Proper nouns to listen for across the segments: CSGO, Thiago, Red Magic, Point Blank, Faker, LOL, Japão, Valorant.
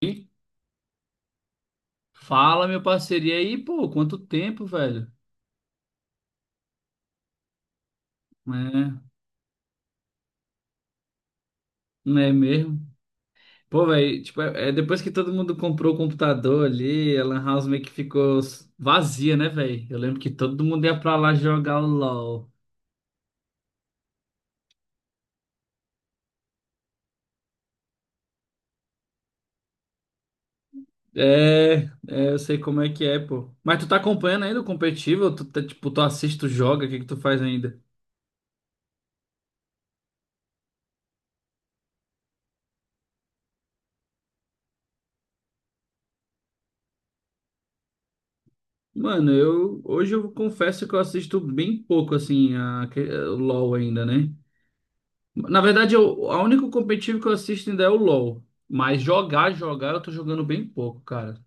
E Fala, meu parceiro. E aí, pô, quanto tempo, velho? Né. Não é mesmo? Pô, velho, tipo, é depois que todo mundo comprou o computador ali, a Lan House meio que ficou vazia, né, velho? Eu lembro que todo mundo ia pra lá jogar o LOL. É, é, eu sei como é que é, pô. Mas tu tá acompanhando ainda o competitivo? Tu tá, tipo, tu assiste, tu joga, o que que tu faz ainda? Mano, eu hoje eu confesso que eu assisto bem pouco assim o LoL ainda, né? Na verdade, a único competitivo que eu assisto ainda é o LoL. Mas jogar, eu tô jogando bem pouco, cara.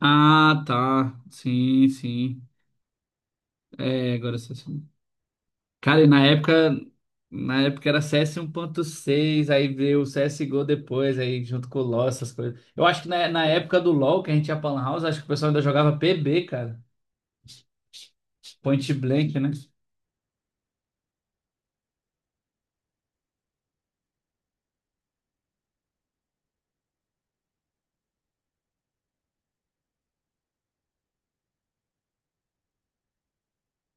Ah, tá. Sim, sim. É, agora você. Cara, e na época. Na época era CS 1.6, aí veio o CSGO depois, aí junto com o LoL, essas coisas. Eu acho que na época do LoL, que a gente ia pra Lan House, acho que o pessoal ainda jogava PB, cara. Point Blank, né?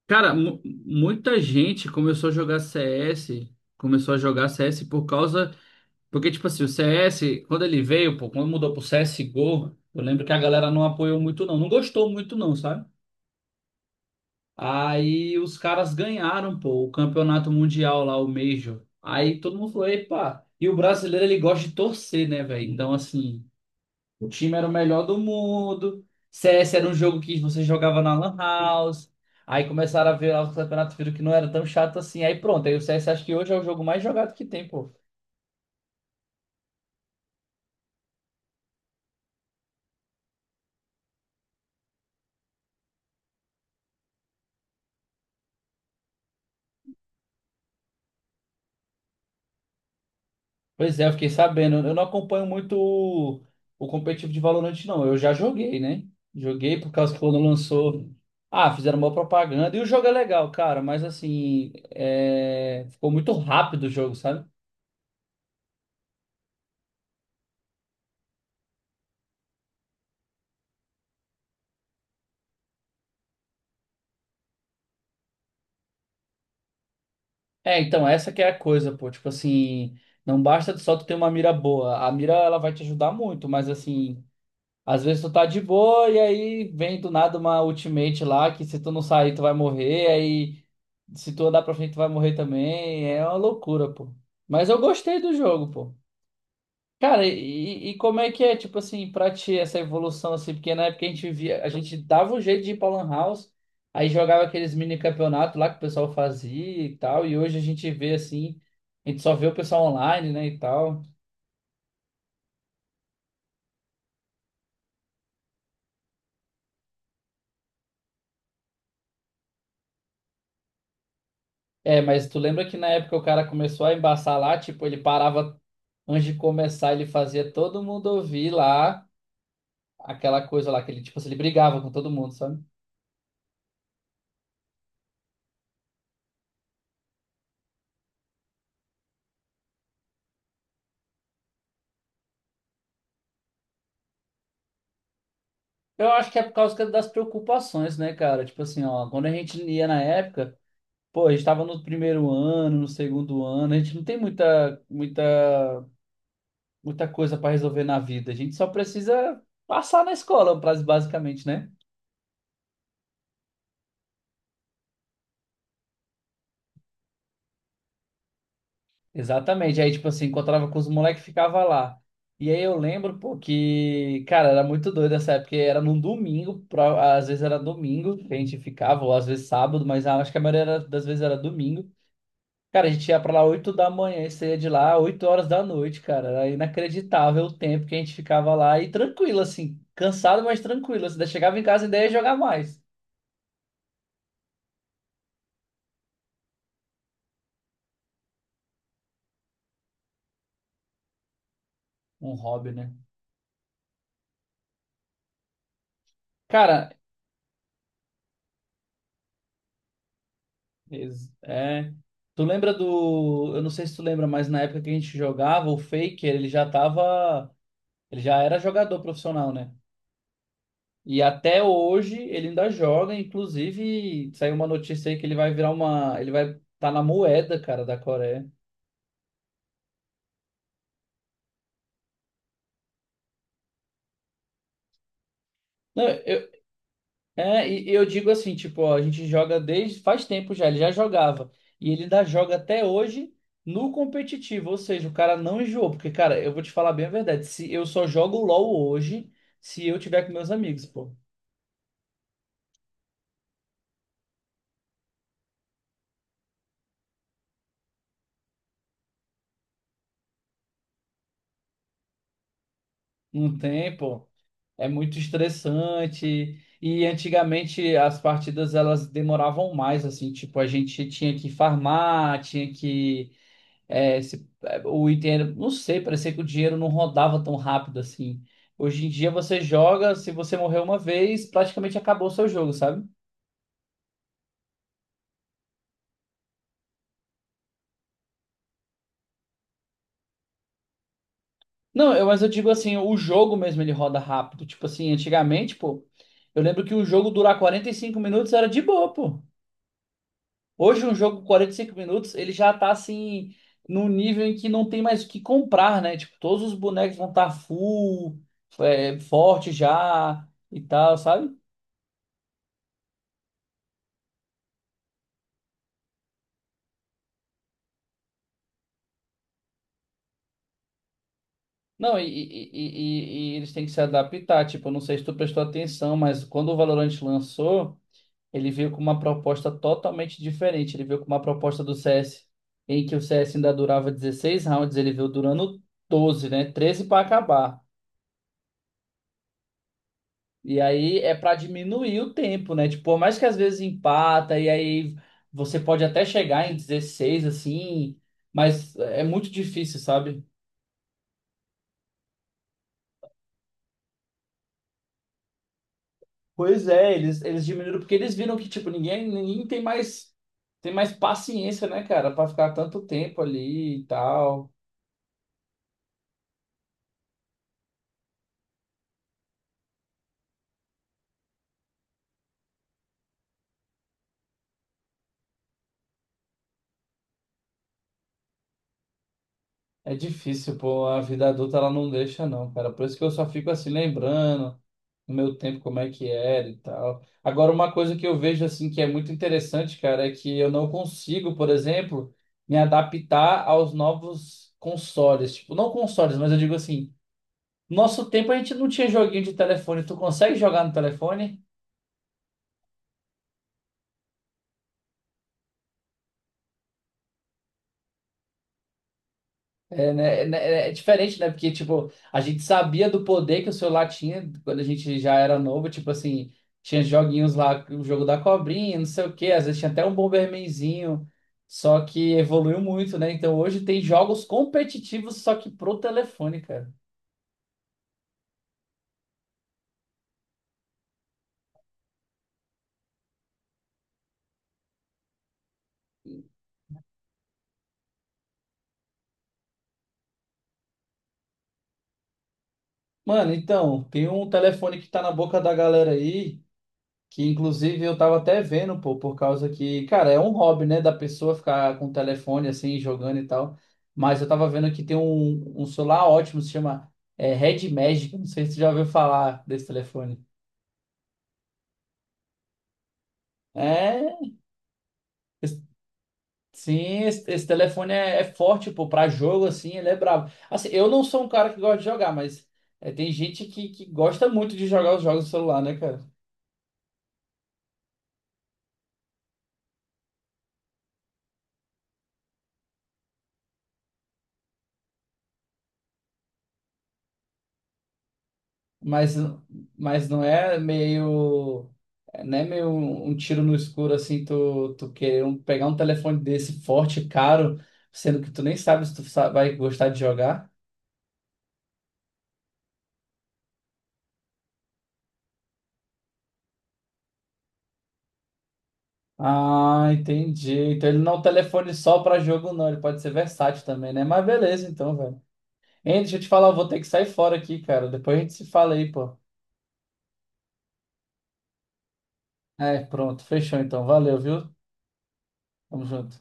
Cara, muita gente começou a jogar CS, começou a jogar CS por causa porque, tipo assim, o CS, quando ele veio, pô, quando mudou pro CSGO, eu lembro que a galera não apoiou muito, não. Não gostou muito, não, sabe? Aí os caras ganharam, pô, o campeonato mundial lá, o Major. Aí todo mundo falou, epa. E o brasileiro, ele gosta de torcer, né, velho? Então, assim, o time era o melhor do mundo. CS era um jogo que você jogava na Lan House. Aí começaram a ver lá os campeonatos, viram que não era tão chato assim. Aí pronto, aí o CS acho que hoje é o jogo mais jogado que tem, pô. Pois é, eu fiquei sabendo. Eu não acompanho muito o competitivo de Valorant, não. Eu já joguei, né? Joguei por causa que quando lançou. Ah, fizeram uma propaganda. E o jogo é legal, cara, mas assim, é, ficou muito rápido o jogo, sabe? É, então, essa que é a coisa, pô. Tipo assim, não basta só tu ter uma mira boa. A mira, ela vai te ajudar muito, mas assim. Às vezes tu tá de boa e aí vem do nada uma ultimate lá que se tu não sair tu vai morrer, aí se tu andar pra frente tu vai morrer também. É uma loucura, pô. Mas eu gostei do jogo, pô. Cara, e como é que é, tipo assim, pra ti essa evolução assim? Porque na época a gente via a gente dava um jeito de ir pra Lan House, aí jogava aqueles mini campeonatos lá que o pessoal fazia e tal, e hoje a gente vê assim, a gente só vê o pessoal online, né, e tal. É, mas tu lembra que na época o cara começou a embaçar lá, tipo, ele parava antes de começar, ele fazia todo mundo ouvir lá aquela coisa lá, que ele, tipo assim, ele brigava com todo mundo, sabe? Eu acho que é por causa das preocupações, né, cara? Tipo assim, ó, quando a gente ia na época, pô, a gente tava no primeiro ano, no segundo ano, a gente não tem muita coisa pra resolver na vida, a gente só precisa passar na escola, basicamente, né? Exatamente. Aí, tipo assim, encontrava com os moleques e ficava lá. E aí eu lembro, pô, que, cara, era muito doido essa época, porque era num domingo, às vezes era domingo que a gente ficava, ou às vezes sábado, mas ah, acho que a maioria das vezes era domingo. Cara, a gente ia pra lá 8 da manhã e saía de lá 8 horas da noite, cara. Era inacreditável o tempo que a gente ficava lá e tranquilo, assim, cansado, mas tranquilo. Assim, daí chegava em casa e daí ia jogar mais. Um hobby, né? Cara, é. Tu lembra do. Eu não sei se tu lembra, mas na época que a gente jogava, o Faker, ele já tava. Ele já era jogador profissional, né? E até hoje ele ainda joga. Inclusive, saiu uma notícia aí que ele vai virar uma. Ele vai estar na moeda, cara, da Coreia. Não, é, e eu digo assim, tipo, ó, a gente joga desde faz tempo já, ele já jogava. E ele ainda joga até hoje no competitivo, ou seja, o cara não enjoou, porque, cara, eu vou te falar bem a verdade, se eu só jogo LoL hoje se eu tiver com meus amigos, pô. Não tem, pô. É muito estressante. E antigamente as partidas elas demoravam mais, assim, tipo, a gente tinha que farmar, tinha que é, é, o dinheiro, não sei, parecia que o dinheiro não rodava tão rápido assim. Hoje em dia você joga, se você morrer uma vez, praticamente acabou o seu jogo, sabe? Não, eu, mas eu digo assim, o jogo mesmo ele roda rápido. Tipo assim, antigamente, pô, eu lembro que um jogo durar 45 minutos era de boa, pô. Hoje um jogo 45 minutos, ele já tá assim, num nível em que não tem mais o que comprar, né? Tipo, todos os bonecos vão estar full, é, forte já e tal, sabe? Não, e eles têm que se adaptar. Tipo, eu não sei se tu prestou atenção, mas quando o Valorant lançou, ele veio com uma proposta totalmente diferente. Ele veio com uma proposta do CS, em que o CS ainda durava 16 rounds, ele veio durando 12, né? 13 para acabar. E aí é para diminuir o tempo, né? Tipo, por mais que às vezes empata, e aí você pode até chegar em 16, assim, mas é muito difícil, sabe? Pois é, eles diminuíram porque eles viram que, tipo, ninguém tem mais paciência, né, cara, pra ficar tanto tempo ali e tal. É difícil, pô, a vida adulta ela não deixa, não, cara. Por isso que eu só fico assim lembrando no meu tempo como é que era e tal. Agora, uma coisa que eu vejo, assim, que é muito interessante, cara, é que eu não consigo, por exemplo, me adaptar aos novos consoles. Tipo, não consoles, mas eu digo assim, nosso tempo a gente não tinha joguinho de telefone. Tu consegue jogar no telefone? É, né, é, né, é diferente, né? Porque, tipo, a gente sabia do poder que o celular tinha quando a gente já era novo. Tipo assim, tinha joguinhos lá, o jogo da cobrinha, não sei o quê. Às vezes tinha até um Bombermanzinho. Só que evoluiu muito, né? Então hoje tem jogos competitivos, só que pro telefone, cara. Mano, então, tem um telefone que tá na boca da galera aí. Que inclusive eu tava até vendo, pô, por causa que, cara, é um hobby, né, da pessoa ficar com o telefone assim, jogando e tal. Mas eu tava vendo que tem um celular ótimo, se chama é, Red Magic. Não sei se você já ouviu falar desse telefone. É, es- sim, esse telefone é, é forte, pô, pra jogo assim, ele é brabo. Assim, eu não sou um cara que gosta de jogar, mas é, tem gente que gosta muito de jogar os jogos do celular, né, cara? Mas, mas não é meio, né meio um tiro no escuro assim, tu querer pegar um telefone desse forte, caro, sendo que tu nem sabe se tu vai gostar de jogar. Ah, entendi. Então ele não é um telefone só para jogo, não. Ele pode ser versátil também, né? Mas beleza, então, velho. Hein, deixa eu te falar, eu vou ter que sair fora aqui, cara. Depois a gente se fala aí, pô. É, pronto, fechou então. Valeu, viu? Tamo junto.